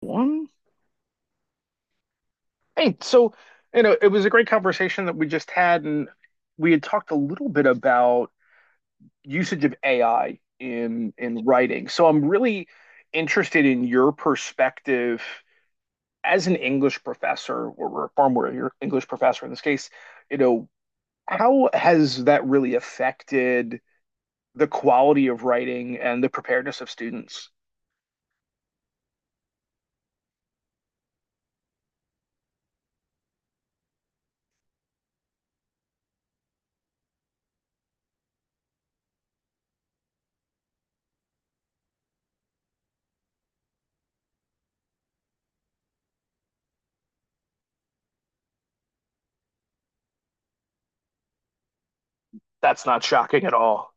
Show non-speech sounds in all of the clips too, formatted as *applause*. One. Hey, so, you know, it was a great conversation that we just had, and we had talked a little bit about usage of AI in writing. So I'm really interested in your perspective as an English professor, or we're a former your English professor in this case, you know, how has that really affected the quality of writing and the preparedness of students? That's not shocking at all.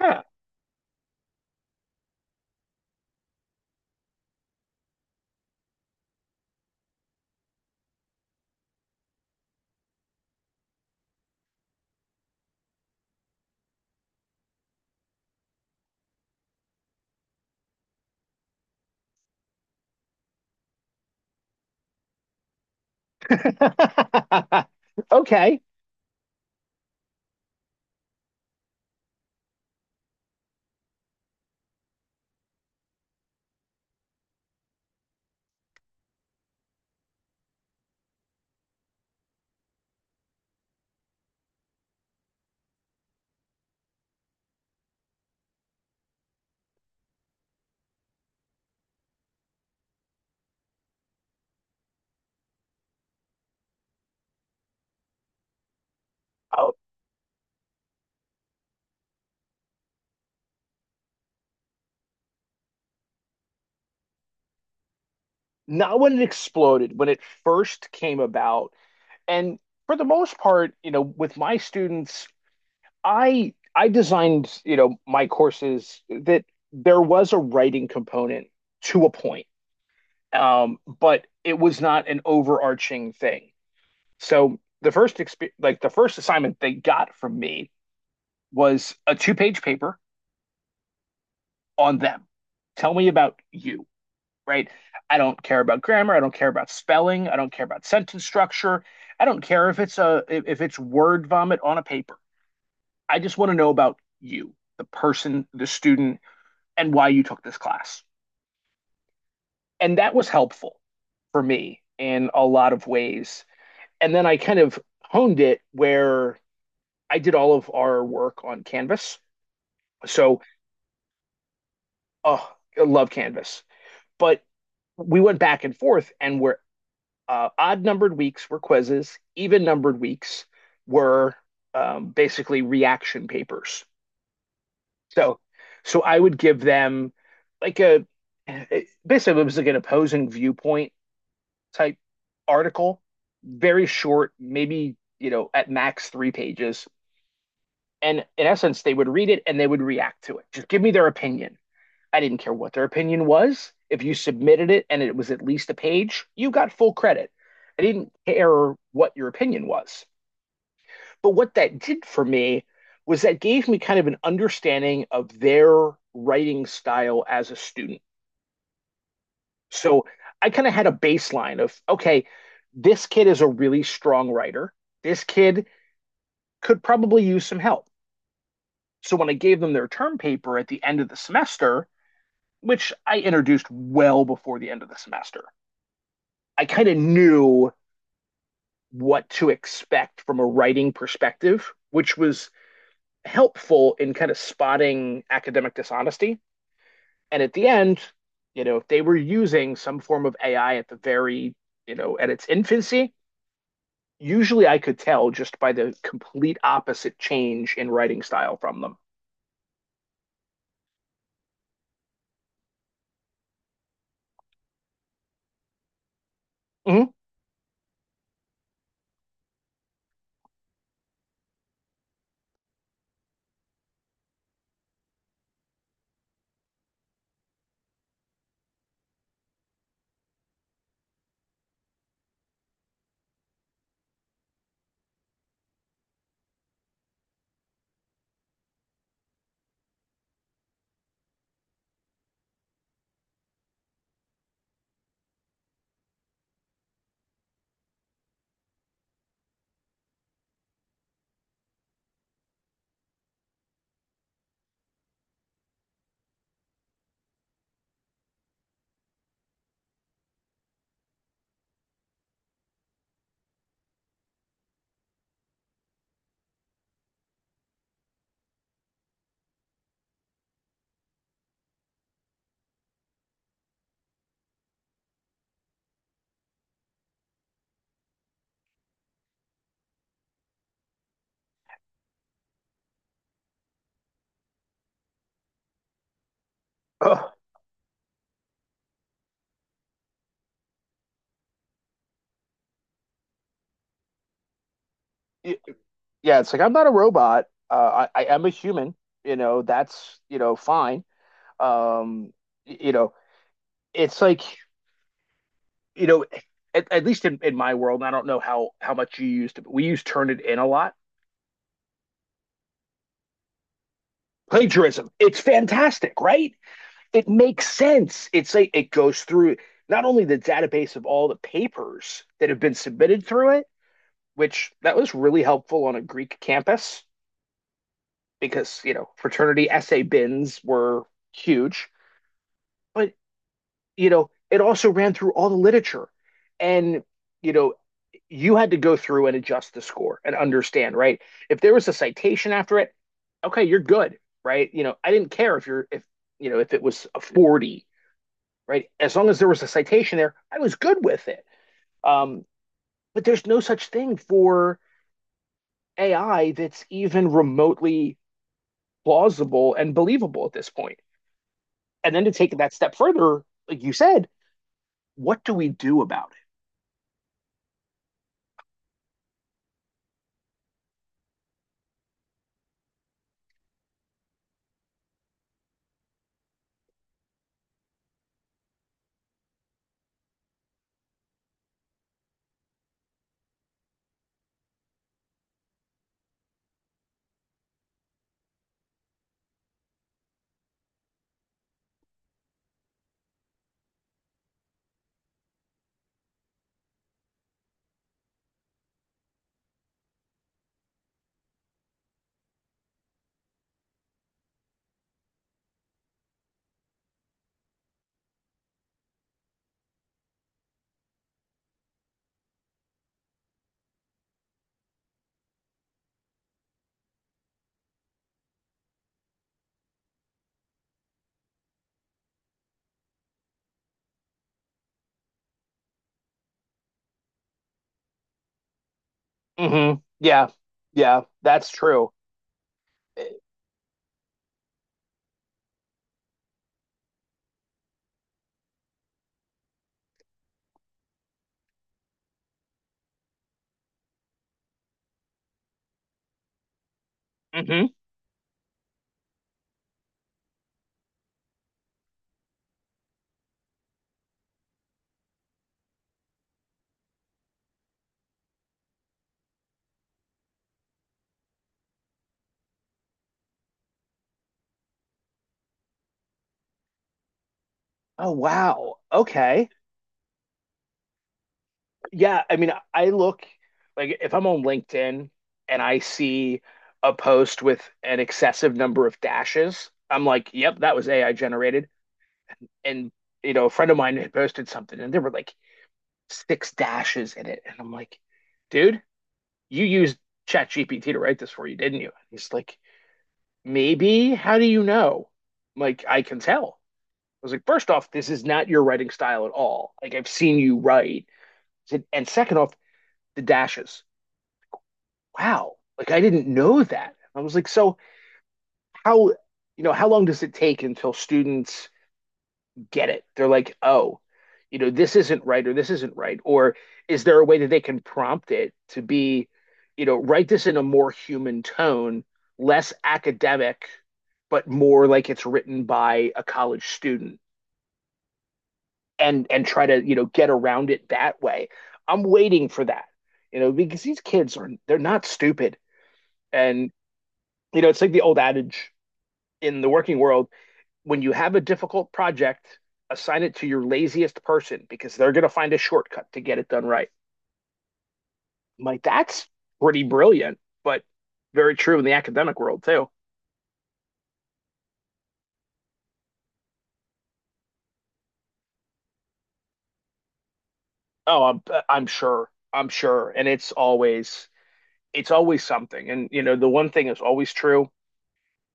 Huh. *laughs* Okay. Not when it exploded, when it first came about. And for the most part, you know, with my students, I designed, you know, my courses that there was a writing component to a point, but it was not an overarching thing. So the like the first assignment they got from me was a two-page paper on them. Tell me about you, right? I don't care about grammar. I don't care about spelling. I don't care about sentence structure. I don't care if it's a if it's word vomit on a paper. I just want to know about you, the person, the student, and why you took this class. And that was helpful for me in a lot of ways. And then I kind of honed it where I did all of our work on Canvas. So, oh, I love Canvas. But we went back and forth, and where uh, odd numbered weeks were quizzes, even numbered weeks were basically reaction papers. So, so I would give them like a eh, basically it was like an opposing viewpoint type article, very short, maybe you know at max three pages. And in essence, they would read it and they would react to it. Just give me their opinion. I didn't care what their opinion was. If you submitted it and it was at least a page, you got full credit. I didn't care what your opinion was. But what that did for me was that gave me kind of an understanding of their writing style as a student. So I kind of had a baseline of, okay, this kid is a really strong writer. This kid could probably use some help. So when I gave them their term paper at the end of the semester, which I introduced well before the end of the semester, I kind of knew what to expect from a writing perspective, which was helpful in kind of spotting academic dishonesty. And at the end, you know, they were using some form of AI at the very, you know, at its infancy. Usually I could tell just by the complete opposite change in writing style from them. Mhm. Yeah, it's like I'm not a robot. I am a human. You know, that's, you know, fine. Um, you know, it's like you know, at least in my world, and I don't know how much you used it, but we use Turnitin a lot. Plagiarism. It's fantastic, right? It makes sense. It's like it goes through not only the database of all the papers that have been submitted through it, which that was really helpful on a Greek campus because, you know, fraternity essay bins were huge, but you know, it also ran through all the literature. And, you know, you had to go through and adjust the score and understand, right? If there was a citation after it, okay, you're good, right? You know, I didn't care if you're, if, you know, if it was a 40, right? As long as there was a citation there, I was good with it. Um, but there's no such thing for AI that's even remotely plausible and believable at this point. And then to take that step further, like you said, what do we do about it? Mm-hmm. Yeah. Yeah. That's true. Mm-hmm. Oh, wow. Okay. Yeah. I mean, I look like if I'm on LinkedIn and I see a post with an excessive number of dashes, I'm like, yep, that was AI generated. And, you know, a friend of mine had posted something and there were like six dashes in it. And I'm like, dude, you used ChatGPT to write this for you, didn't you? And he's like, maybe. How do you know? I'm like, I can tell. Was like, first off, this is not your writing style at all. Like I've seen you write. And second off, the dashes. Wow. Like I didn't know that. I was like, so how you know, how long does it take until students get it? They're like, oh, you know, this isn't right or this isn't right. Or is there a way that they can prompt it to be, you know, write this in a more human tone, less academic, but more like it's written by a college student? And try to you know get around it that way. I'm waiting for that, you know, because these kids are they're not stupid, and you know it's like the old adage in the working world: when you have a difficult project, assign it to your laziest person because they're going to find a shortcut to get it done right. I'm like that's pretty brilliant, but very true in the academic world too. Oh, I'm sure, I'm sure, and it's always something, and you know the one thing is always true.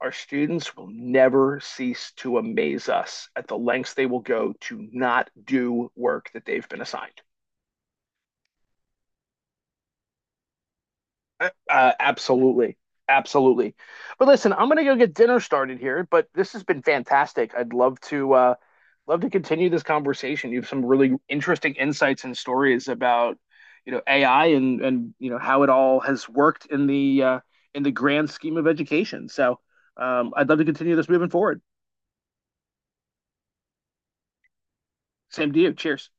Our students will never cease to amaze us at the lengths they will go to not do work that they've been assigned. Absolutely. Absolutely. But listen, I'm going to go get dinner started here, but this has been fantastic. I'd love to love to continue this conversation. You have some really interesting insights and stories about, you know, AI and you know how it all has worked in the grand scheme of education. So, I'd love to continue this moving forward. Same to you. Cheers.